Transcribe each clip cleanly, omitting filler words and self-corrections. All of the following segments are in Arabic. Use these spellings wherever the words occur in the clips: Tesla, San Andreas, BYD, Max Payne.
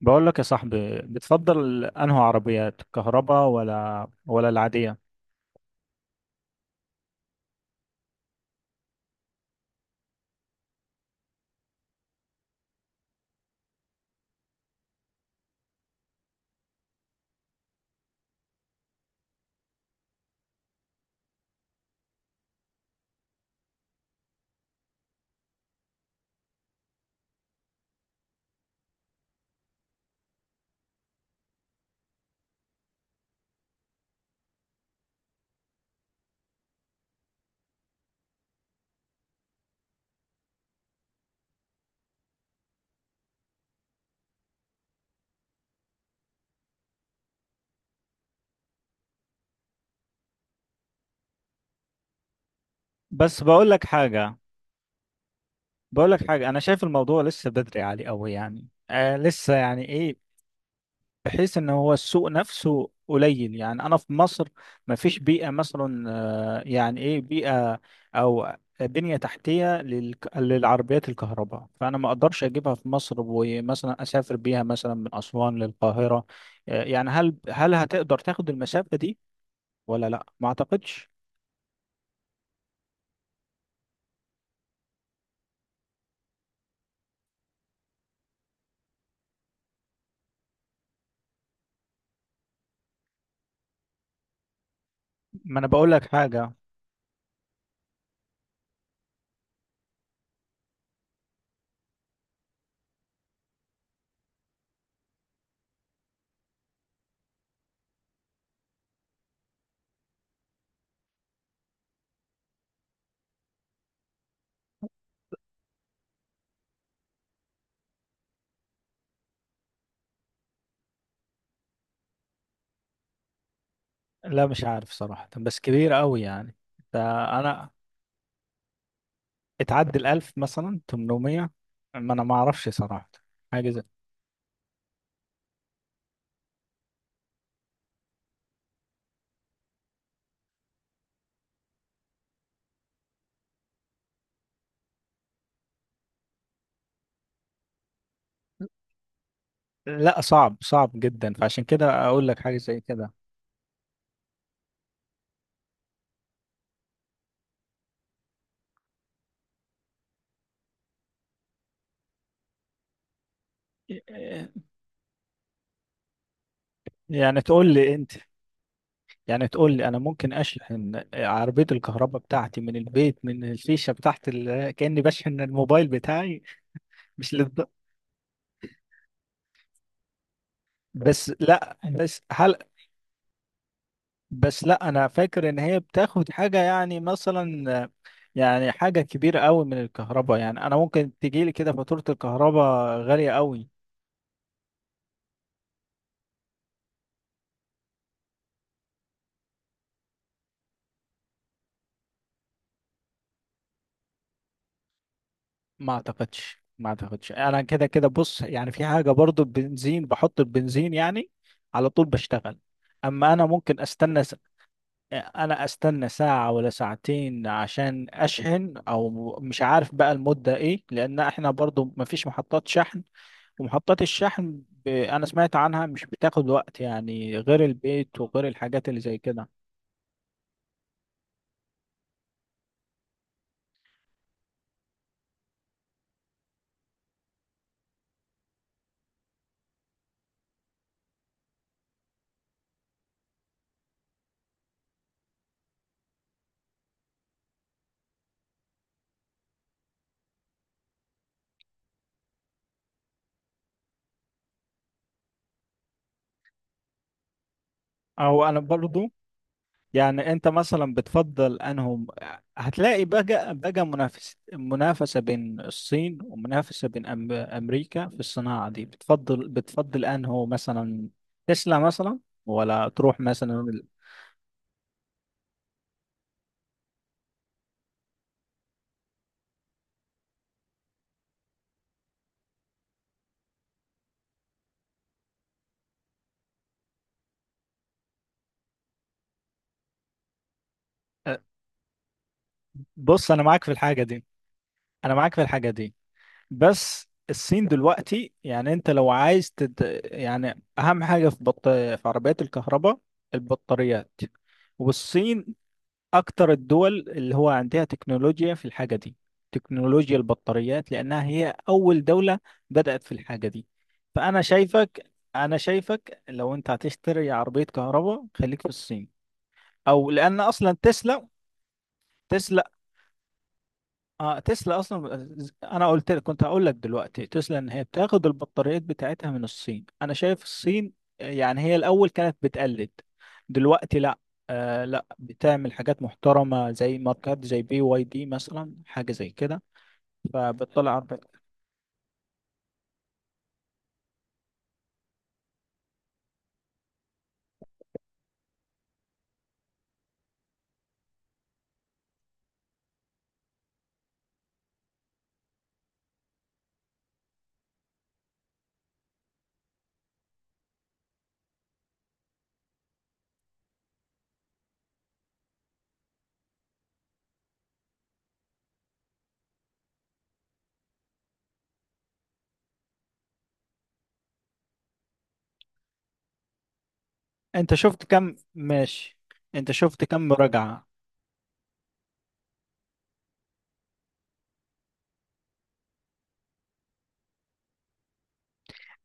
بقول لك يا صاحبي، بتفضل انهي عربيات الكهرباء، ولا العادية؟ بس بقول لك حاجة. انا شايف الموضوع لسه بدري عليه قوي، يعني لسه يعني ايه، بحيث ان هو السوق نفسه قليل. يعني انا في مصر ما فيش بيئة مثلا، يعني ايه بيئة او بنية تحتية للعربيات الكهرباء. فانا ما اقدرش اجيبها في مصر ومثلا اسافر بيها مثلا من اسوان للقاهرة، يعني هل هتقدر تاخد المسافة دي ولا لا؟ ما اعتقدش. ما انا بقول لك حاجه. لا مش عارف صراحه، بس كبير قوي يعني. ده انا اتعدى 1000، مثلا 800، ما انا ما اعرفش صراحه، حاجه زي... لا، صعب صعب جدا، فعشان كده اقول لك حاجه زي كده. يعني تقول لي انت، يعني تقول لي انا ممكن اشحن عربيه الكهرباء بتاعتي من البيت، من الفيشه بتاعت كاني بشحن الموبايل بتاعي؟ مش للد... بس لا بس هل بس لا انا فاكر ان هي بتاخد حاجه يعني، مثلا يعني حاجه كبيره قوي من الكهرباء. يعني انا ممكن تجيلي كده فاتوره الكهرباء غاليه قوي. ما اعتقدش. انا كده كده بص، يعني في حاجه برضو، البنزين بحط البنزين يعني على طول بشتغل. اما انا ممكن استنى، انا استنى ساعة ولا ساعتين عشان اشحن، او مش عارف بقى المدة ايه، لان احنا برضو مفيش محطات شحن، ومحطات الشحن انا سمعت عنها مش بتاخد وقت يعني، غير البيت وغير الحاجات اللي زي كده. او انا برضو يعني انت مثلا بتفضل انهم، هتلاقي بقى منافسة بين الصين ومنافسة بين امريكا في الصناعة دي، بتفضل انه مثلا تسلا مثلا، ولا تروح مثلا؟ أه، بص انا معاك في الحاجه دي، انا معاك في الحاجه دي بس الصين دلوقتي، يعني انت لو عايز يعني اهم حاجه في في عربيات الكهرباء البطاريات. والصين اكتر الدول اللي هو عندها تكنولوجيا في الحاجه دي، تكنولوجيا البطاريات، لانها هي اول دوله بدأت في الحاجه دي. فانا شايفك، انا شايفك لو انت هتشتري عربيه كهرباء خليك في الصين، او لان اصلا تسلا اه تسلا اصلا، انا قلت لك كنت هقول لك دلوقتي تسلا ان هي بتاخد البطاريات بتاعتها من الصين. انا شايف الصين يعني هي الاول كانت بتقلد، دلوقتي لا، آه لا، بتعمل حاجات محترمه زي ماركات زي بي واي دي مثلا، حاجه زي كده، فبتطلع عربيات. انت شفت كم ماشي، انت شفت كم مراجعه.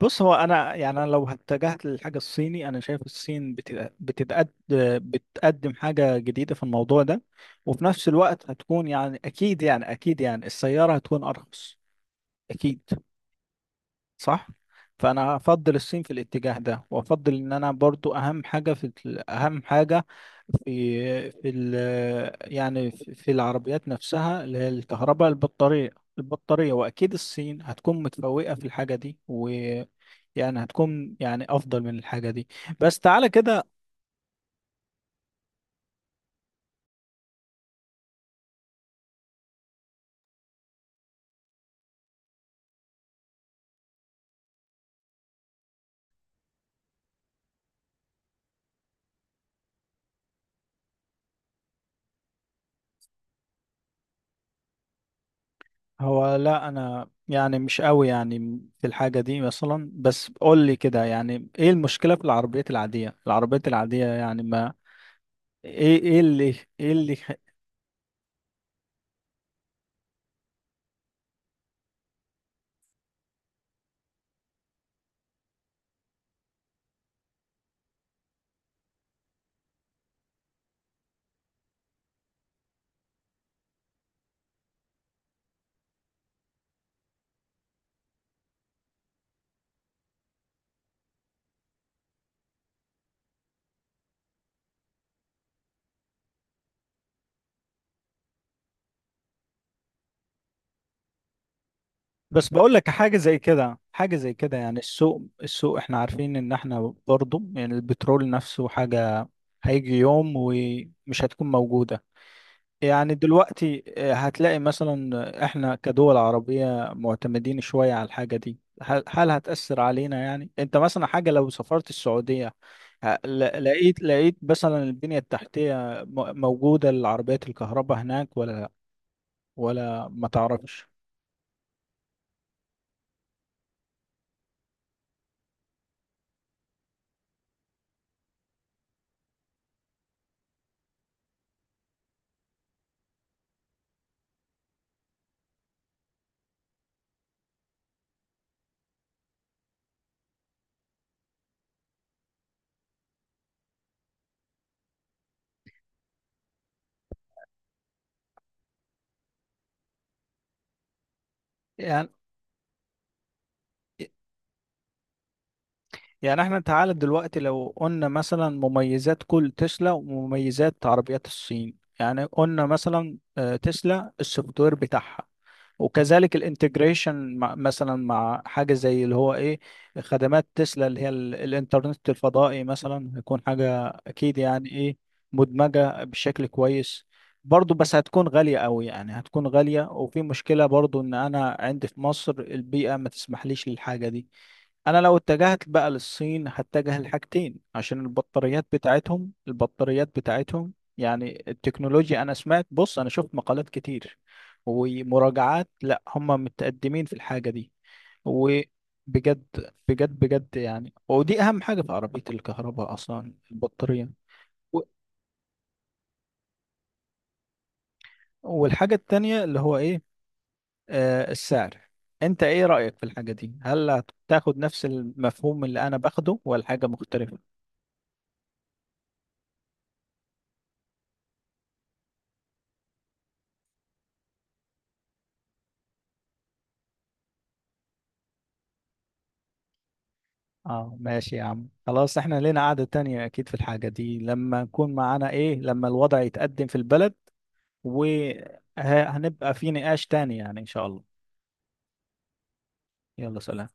بص هو انا يعني انا لو اتجهت للحاجه الصيني، انا شايف الصين بتتقد، بتقدم حاجه جديده في الموضوع ده، وفي نفس الوقت هتكون يعني اكيد، يعني السياره هتكون ارخص اكيد. صح. فانا افضل الصين في الاتجاه ده، وافضل ان انا برضو، اهم حاجه في اهم حاجه في في ال يعني في العربيات نفسها اللي هي الكهرباء، البطاريه. واكيد الصين هتكون متفوقه في الحاجه دي، و يعني هتكون يعني افضل من الحاجه دي. بس تعالى كده. هو لا، انا يعني مش قوي يعني في الحاجه دي مثلا، بس قول لي كده يعني ايه المشكله في العربيات العاديه؟ يعني ايه ايه اللي ايه اللي بس بقول لك حاجه زي كده، يعني السوق، احنا عارفين ان احنا برضه، يعني البترول نفسه حاجه هيجي يوم ومش هتكون موجوده. يعني دلوقتي هتلاقي مثلا احنا كدول عربيه معتمدين شويه على الحاجه دي، هل هتأثر علينا؟ يعني انت مثلا حاجه لو سافرت السعوديه، لقيت مثلا البنيه التحتيه موجوده للعربيات الكهرباء هناك، ولا ما تعرفش؟ يعني احنا تعالى دلوقتي لو قلنا مثلا مميزات كل تسلا ومميزات عربيات الصين، يعني قلنا مثلا تسلا السوفت وير بتاعها، وكذلك الانتجريشن مع مثلا، مع حاجة زي اللي هو ايه، خدمات تسلا اللي هي الانترنت الفضائي مثلا، هيكون حاجة اكيد يعني ايه، مدمجة بشكل كويس برضه، بس هتكون غالية قوي، يعني هتكون غالية. وفي مشكلة برضه ان انا عندي في مصر البيئة ما تسمحليش للحاجة دي. انا لو اتجهت بقى للصين هتجه لحاجتين، عشان البطاريات بتاعتهم، يعني التكنولوجيا. انا سمعت، بص انا شفت مقالات كتير ومراجعات، لا هم متقدمين في الحاجة دي وبجد. بجد يعني، ودي اهم حاجة في عربية الكهرباء اصلا، البطارية. و- والحاجة التانية اللي هو ايه، آه السعر. انت ايه رأيك في الحاجة دي؟ هل هتاخد نفس المفهوم اللي انا باخده ولا حاجة مختلفة؟ اه ماشي يا عم، خلاص. احنا لنا قعدة تانية اكيد في الحاجة دي، لما نكون معانا ايه، لما الوضع يتقدم في البلد، وهنبقى في نقاش تاني يعني ان شاء الله. يلا سلام.